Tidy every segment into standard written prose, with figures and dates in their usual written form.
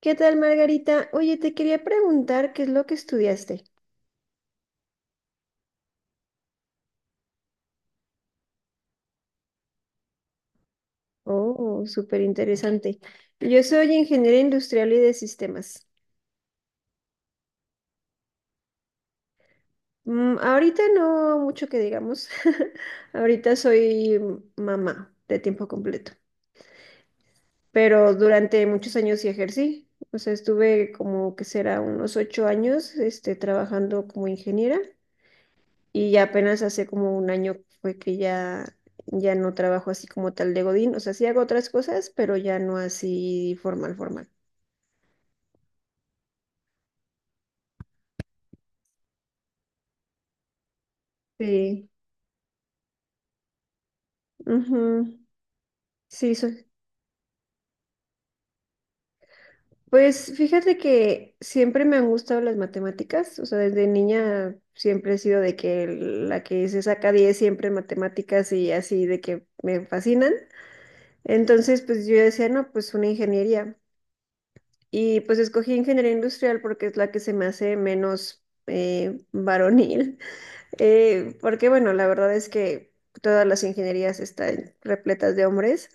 ¿Qué tal, Margarita? Oye, te quería preguntar qué es lo que estudiaste. Oh, súper interesante. Yo soy ingeniera industrial y de sistemas. Ahorita no mucho que digamos. Ahorita soy mamá de tiempo completo, pero durante muchos años sí ejercí. O sea, estuve como que será unos ocho años, trabajando como ingeniera. Y ya apenas hace como un año fue que ya no trabajo así como tal de Godín. O sea, sí hago otras cosas, pero ya no así formal, formal. Sí, ujú, sí, soy. Pues fíjate que siempre me han gustado las matemáticas. O sea, desde niña siempre he sido de que la que se saca 10 siempre en matemáticas y así de que me fascinan. Entonces, pues yo decía, no, pues una ingeniería. Y pues escogí ingeniería industrial porque es la que se me hace menos varonil. Porque bueno, la verdad es que todas las ingenierías están repletas de hombres.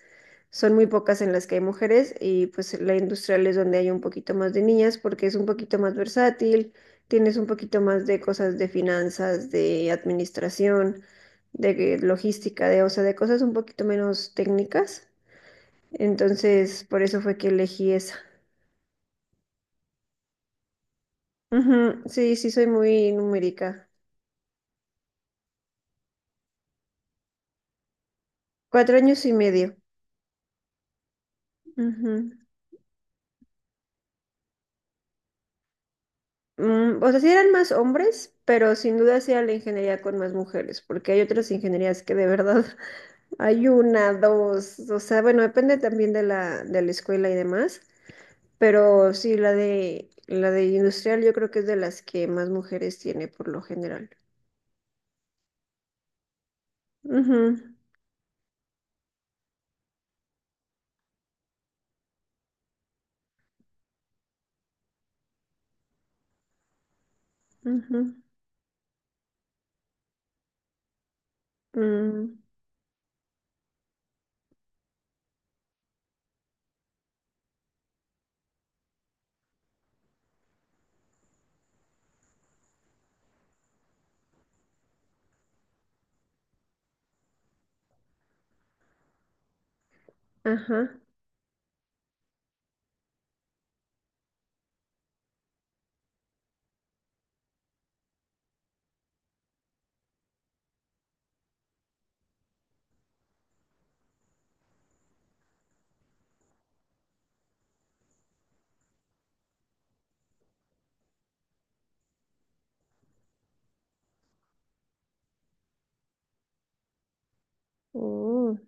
Son muy pocas en las que hay mujeres y pues la industrial es donde hay un poquito más de niñas porque es un poquito más versátil, tienes un poquito más de cosas de finanzas, de administración, de logística, o sea, de cosas un poquito menos técnicas. Entonces, por eso fue que elegí esa. Ujú, sí, sí, soy muy numérica. Cuatro años y medio. Ujú. O sea, sí eran más hombres, pero sin duda sí era la ingeniería con más mujeres, porque hay otras ingenierías que de verdad hay una, dos, o sea, bueno, depende también de la escuela y demás, pero sí, la de industrial yo creo que es de las que más mujeres tiene por lo general. Ujú, ujú, mm, ajá. Oh,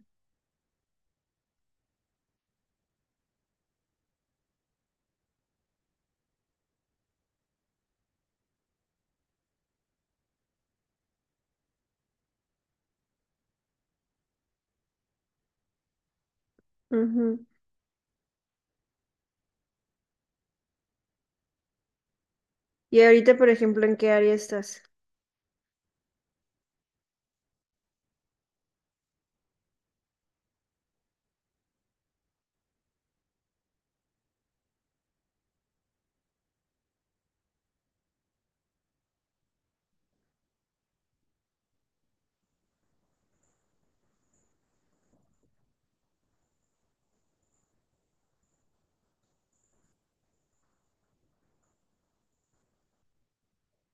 ujú. Y ahorita, por ejemplo, ¿en qué área estás?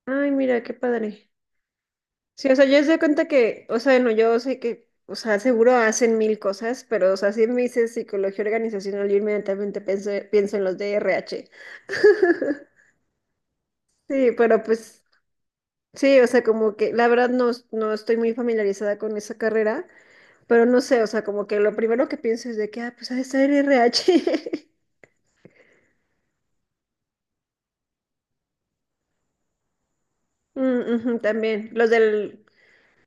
Ay, mira, qué padre. Sí, o sea, yo se doy cuenta que, o sea, no, yo sé que, o sea, seguro hacen mil cosas, pero, o sea, si me dices psicología organizacional, yo inmediatamente pienso en los de RH. Sí, pero pues, sí, o sea, como que, la verdad no estoy muy familiarizada con esa carrera, pero no sé, o sea, como que lo primero que pienso es de que, ah, pues ha de ser RH. Mm, ujú, también,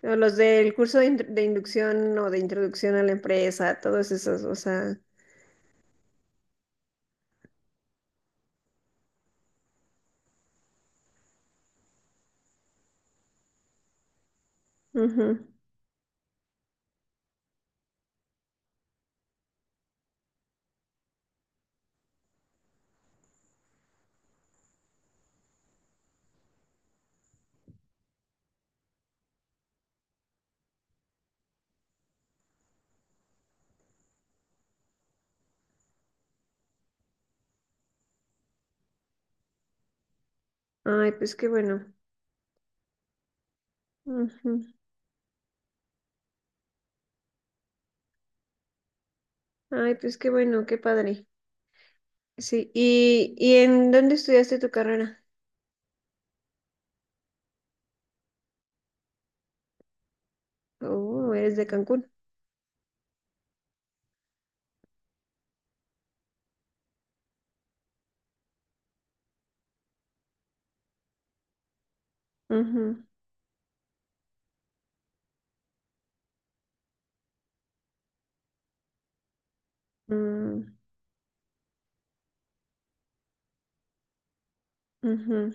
o los del curso de, de inducción o de introducción a la empresa, todos esos, o sea, ujú. Ay, pues qué bueno. Ujú. Ay, pues qué bueno, qué padre. Sí, y en dónde estudiaste tu carrera? Oh, eres de Cancún. Ujú. Mm, ujú.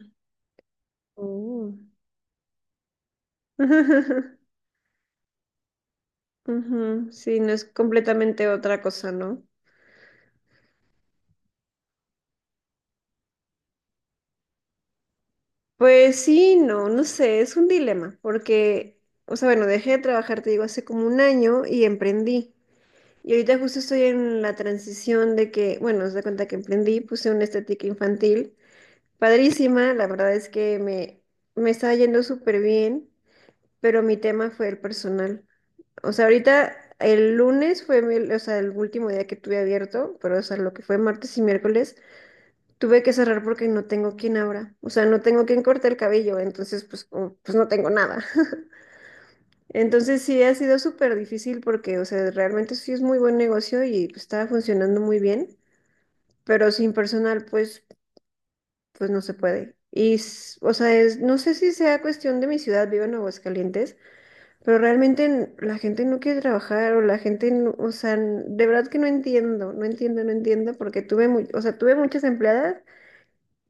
Oh. Ujú, sí, no es completamente otra cosa, ¿no? Pues sí, no, no sé, es un dilema, porque, o sea, bueno, dejé de trabajar, te digo, hace como un año y emprendí. Y ahorita justo estoy en la transición de que, bueno, os da cuenta que emprendí, puse una estética infantil padrísima, la verdad es que me estaba yendo súper bien, pero mi tema fue el personal. O sea, ahorita el lunes fue el último día que tuve abierto, pero o sea, lo que fue martes y miércoles, tuve que cerrar porque no tengo quien abra. O sea, no tengo quien corte el cabello, entonces pues, pues no tengo nada. Entonces sí ha sido súper difícil porque, o sea, realmente sí es muy buen negocio y pues, estaba funcionando muy bien, pero sin personal, pues no se puede. O sea, es, no sé si sea cuestión de mi ciudad, vivo en Aguascalientes, pero realmente la gente no quiere trabajar o la gente, de verdad que no entiendo, no entiendo, no entiendo, porque tuve, mu- o sea, tuve muchas empleadas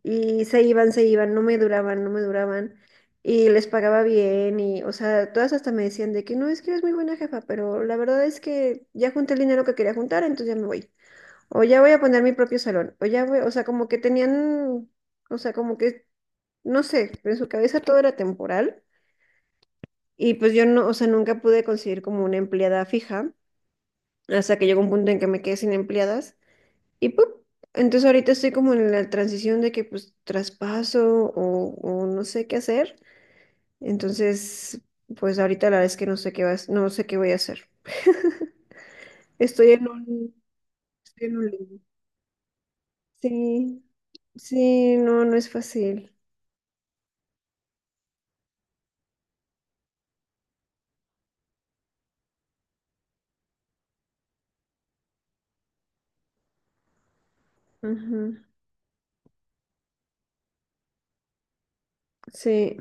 y se iban, no me duraban, no me duraban y les pagaba bien y, o sea, todas hasta me decían de que no, es que eres muy buena jefa, pero la verdad es que ya junté el dinero que quería juntar, entonces ya me voy. O ya voy a poner mi propio salón. O ya voy, o sea, Como que tenían, o sea, como que, no sé, en su cabeza todo era temporal. Y pues yo no, o sea, nunca pude conseguir como una empleada fija, hasta que llegó un punto en que me quedé sin empleadas. Y pues, entonces ahorita estoy como en la transición de que pues o no sé qué hacer. Entonces, pues ahorita la verdad es que no sé qué voy a hacer. Estoy en un, Estoy en un limbo. Sí, sí, no, no es fácil. Ujú, sí,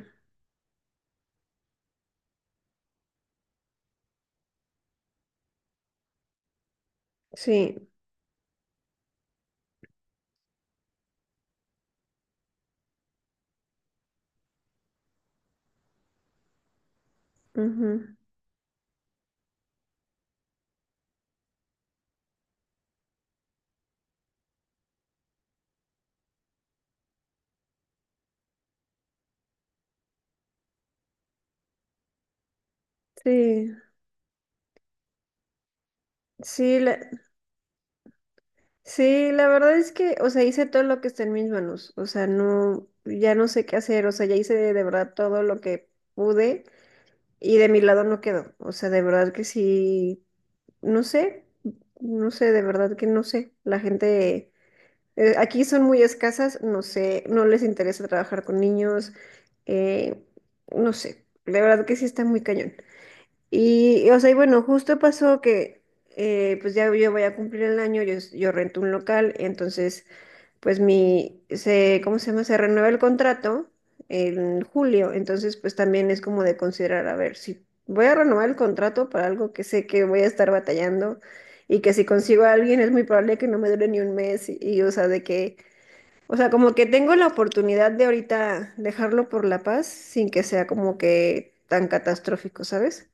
sí, ujú, sí, sí, la, sí, la verdad es que, o sea, hice todo lo que está en mis manos, o sea, no, ya no sé qué hacer, o sea, ya hice de verdad todo lo que pude y de mi lado no quedó, o sea, de verdad que sí, no sé, no sé, de verdad que no sé, la gente, aquí son muy escasas, no sé, no les interesa trabajar con niños, eh, no sé, de verdad que sí está muy cañón. Y bueno, justo pasó que, pues ya yo voy a cumplir el año, yo rento un local, entonces, pues ¿cómo se llama? Se renueva el contrato en julio, entonces, pues también es como de considerar, a ver, si voy a renovar el contrato para algo que sé que voy a estar batallando y que si consigo a alguien es muy probable que no me dure ni un mes o sea, como que tengo la oportunidad de ahorita dejarlo por la paz sin que sea como que tan catastrófico, ¿sabes?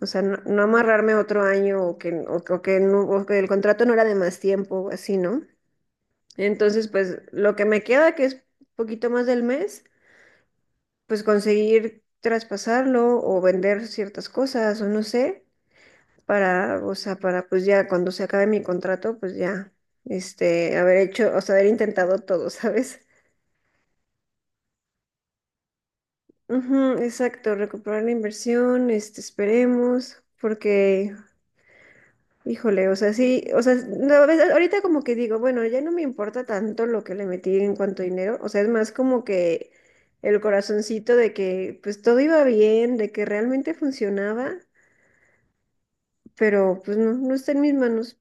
O sea, no, no amarrarme otro año o que, o que no, o que el contrato no era de más tiempo, así, ¿no? Entonces, pues lo que me queda, que es poquito más del mes, pues conseguir traspasarlo o vender ciertas cosas o no sé, para, o sea, para pues ya cuando se acabe mi contrato, pues ya, haber hecho, o sea, haber intentado todo, ¿sabes? Ujú, exacto, recuperar la inversión, esperemos, porque híjole, o sea, sí, o sea, no, ahorita como que digo, bueno, ya no me importa tanto lo que le metí en cuanto a dinero, o sea, es más como que el corazoncito de que pues todo iba bien, de que realmente funcionaba, pero pues no, no está en mis manos.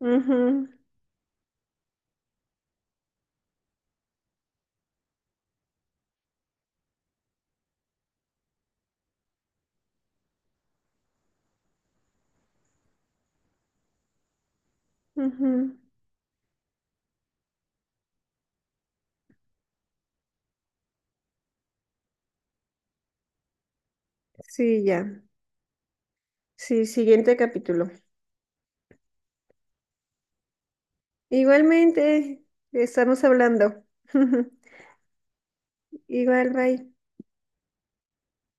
Ujú, ujú. Sí, ya. Sí, siguiente capítulo. Igualmente, estamos hablando. Igual, bye.